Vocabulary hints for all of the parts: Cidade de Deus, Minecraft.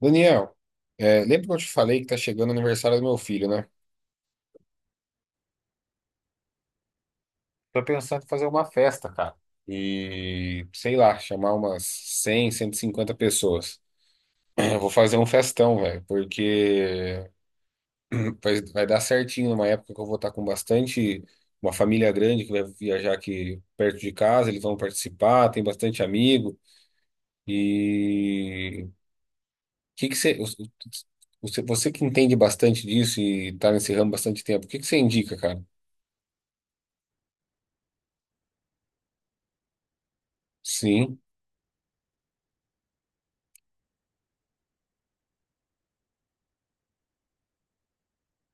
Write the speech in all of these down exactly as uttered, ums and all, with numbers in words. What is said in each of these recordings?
Daniel, é, lembra que eu te falei que tá chegando o aniversário do meu filho, né? Tô pensando em fazer uma festa, cara. E, sei lá, chamar umas cem, cento e cinquenta pessoas. Eu vou fazer um festão, velho, porque vai, vai dar certinho numa época que eu vou estar com bastante, uma família grande que vai viajar aqui perto de casa, eles vão participar, tem bastante amigo. E que que você, você, você que entende bastante disso e tá nesse ramo bastante tempo, o que que você indica, cara? Sim.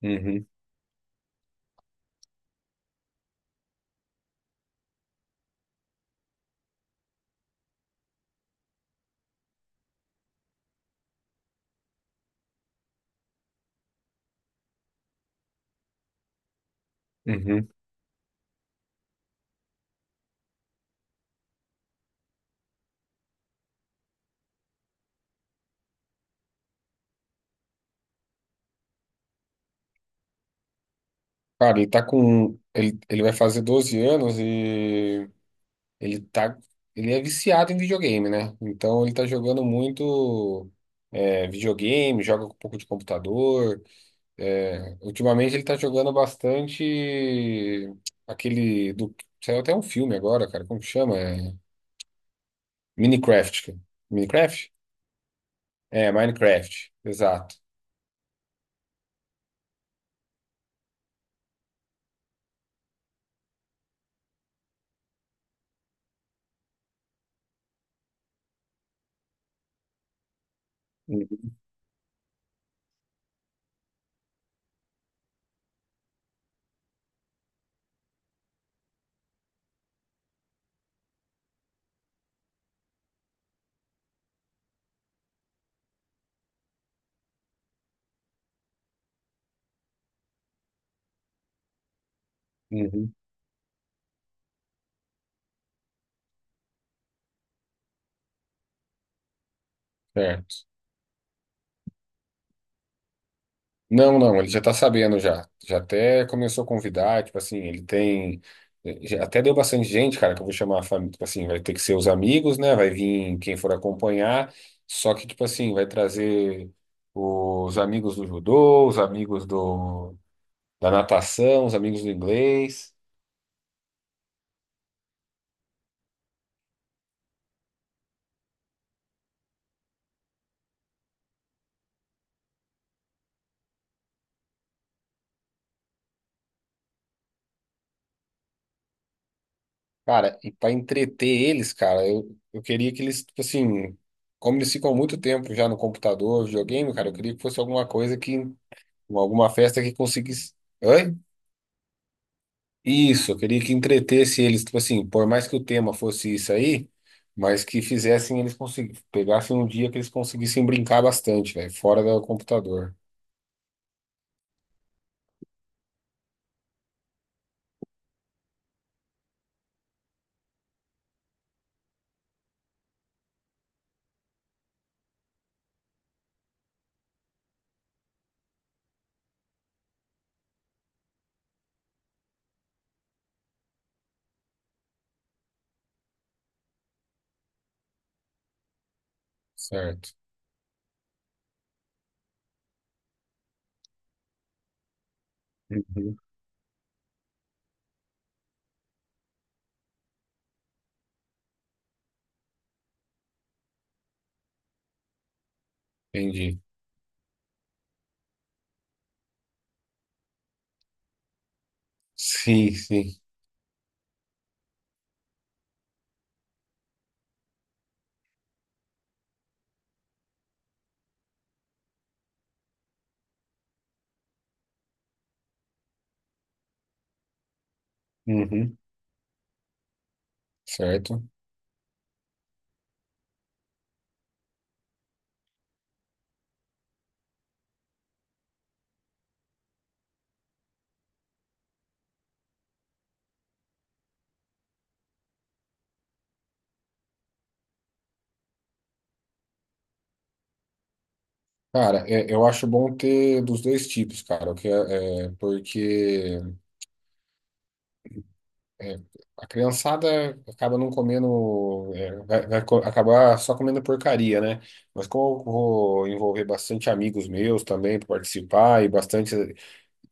Uhum, uhum. Cara, ele tá com. Ele, ele vai fazer doze anos e ele tá. Ele é viciado em videogame, né? Então ele tá jogando muito é, videogame, joga com um pouco de computador. É, ultimamente ele tá jogando bastante aquele do. Saiu até um filme agora, cara. Como que chama? É... Minecraft. Minecraft? É, Minecraft, exato. Uhum, uhum. É. Não, não, ele já tá sabendo já. Já até começou a convidar, tipo assim, ele tem. Já Até deu bastante gente, cara, que eu vou chamar a família. Tipo assim, vai ter que ser os amigos, né? Vai vir quem for acompanhar. Só que, tipo assim, vai trazer os amigos do judô, os amigos do, da natação, os amigos do inglês. Cara, e pra entreter eles, cara, eu, eu queria que eles, tipo assim, como eles ficam muito tempo já no computador, videogame, cara, eu queria que fosse alguma coisa que. Alguma festa que conseguisse. Oi? Isso, eu queria que entretesse eles, tipo assim, por mais que o tema fosse isso aí, mas que fizessem eles conseguir, pegassem um dia que eles conseguissem brincar bastante, velho, fora do computador. Certo. Uhum. Entendi. Sim, sim. Uhum. Certo. Cara, é- eu acho bom ter dos dois tipos, cara, o que é, é, porque é, a criançada acaba não comendo, é, vai, vai co- acabar só comendo porcaria, né? Mas como eu vou envolver bastante amigos meus também para participar, e bastante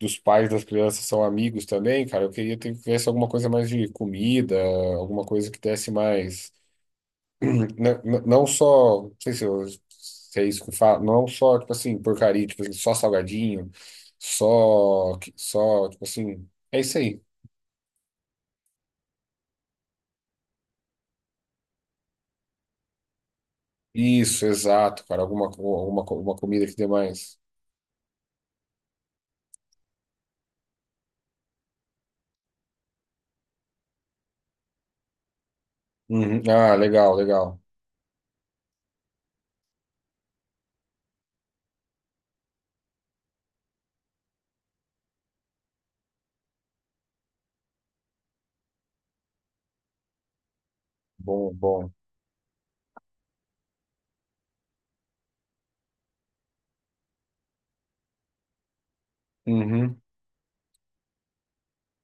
dos pais das crianças são amigos também, cara, eu queria ter que tivesse alguma coisa mais de comida, alguma coisa que desse mais. Não, não não só, não sei se, eu, se é isso que fala, não só, tipo assim, porcaria, tipo assim, só salgadinho, só, só, tipo assim, é isso aí. Isso, exato, cara. Alguma, co- alguma, alguma comida que dê mais. Uhum. Ah, legal, legal. Bom, bom. Uhum.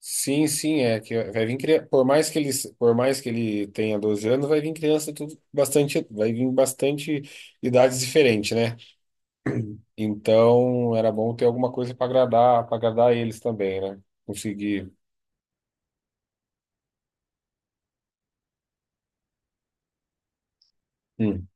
Sim, sim, é que vai vir criança. Por mais que ele, por mais que ele tenha doze anos, vai vir criança tudo bastante, vai vir bastante idades diferentes, né? Então, era bom ter alguma coisa para agradar, para agradar eles também, né? Conseguir. Hum,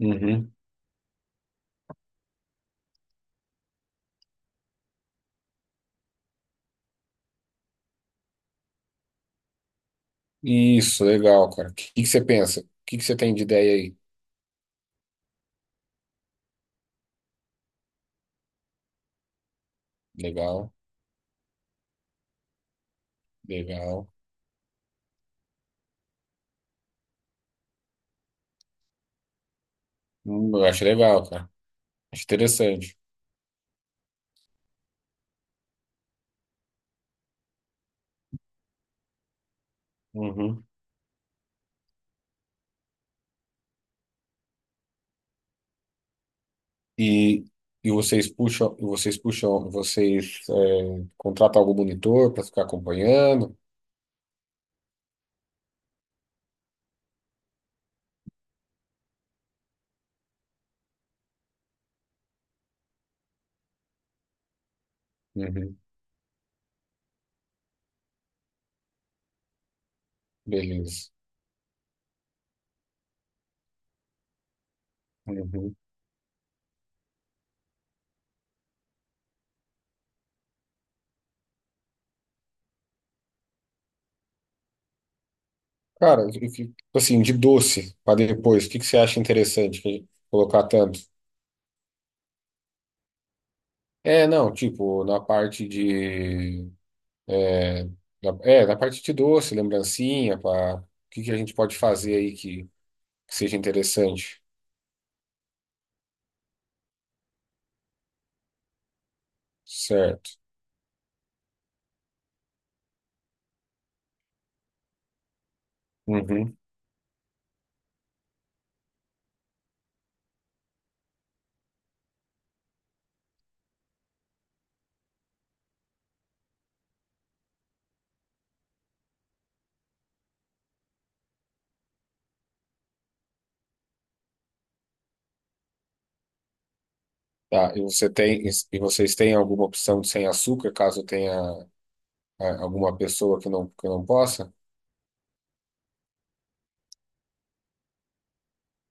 Uhum. Isso, legal, cara. O que, que você pensa? O que, que você tem de ideia aí? Legal, legal. Hum, eu acho legal, cara. Interessante. Uhum. E, e vocês puxam, e vocês puxam, vocês é, contratam algum monitor para ficar acompanhando? Uhum. Beleza. Uhum. Cara, e que- tipo assim, de doce para depois, o que que você acha interessante que- colocar tanto? É, não, tipo, na parte de. É, na, é, na parte de doce, lembrancinha, para o que que a gente pode fazer aí que, que seja interessante, certo? Uhum. Tá, e você tem, e vocês têm alguma opção de sem açúcar, caso tenha a- alguma pessoa que não, que não possa?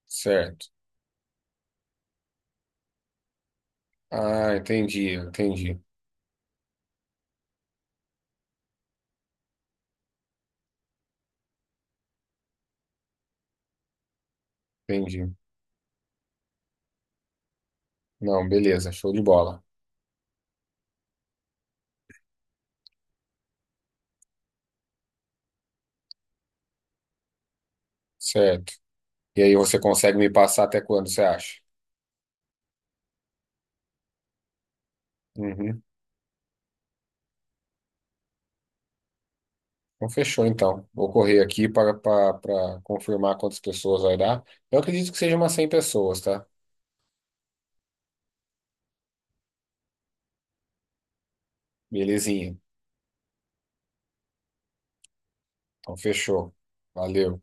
Certo. Ah, entendi, entendi, entendi. Não, beleza, show de bola. Certo. E aí você consegue me passar até quando, você acha? Uhum. Então fechou, então. Vou correr aqui para, para, para confirmar quantas pessoas vai dar. Eu acredito que seja umas cem pessoas, tá? Belezinha. Então fechou. Valeu.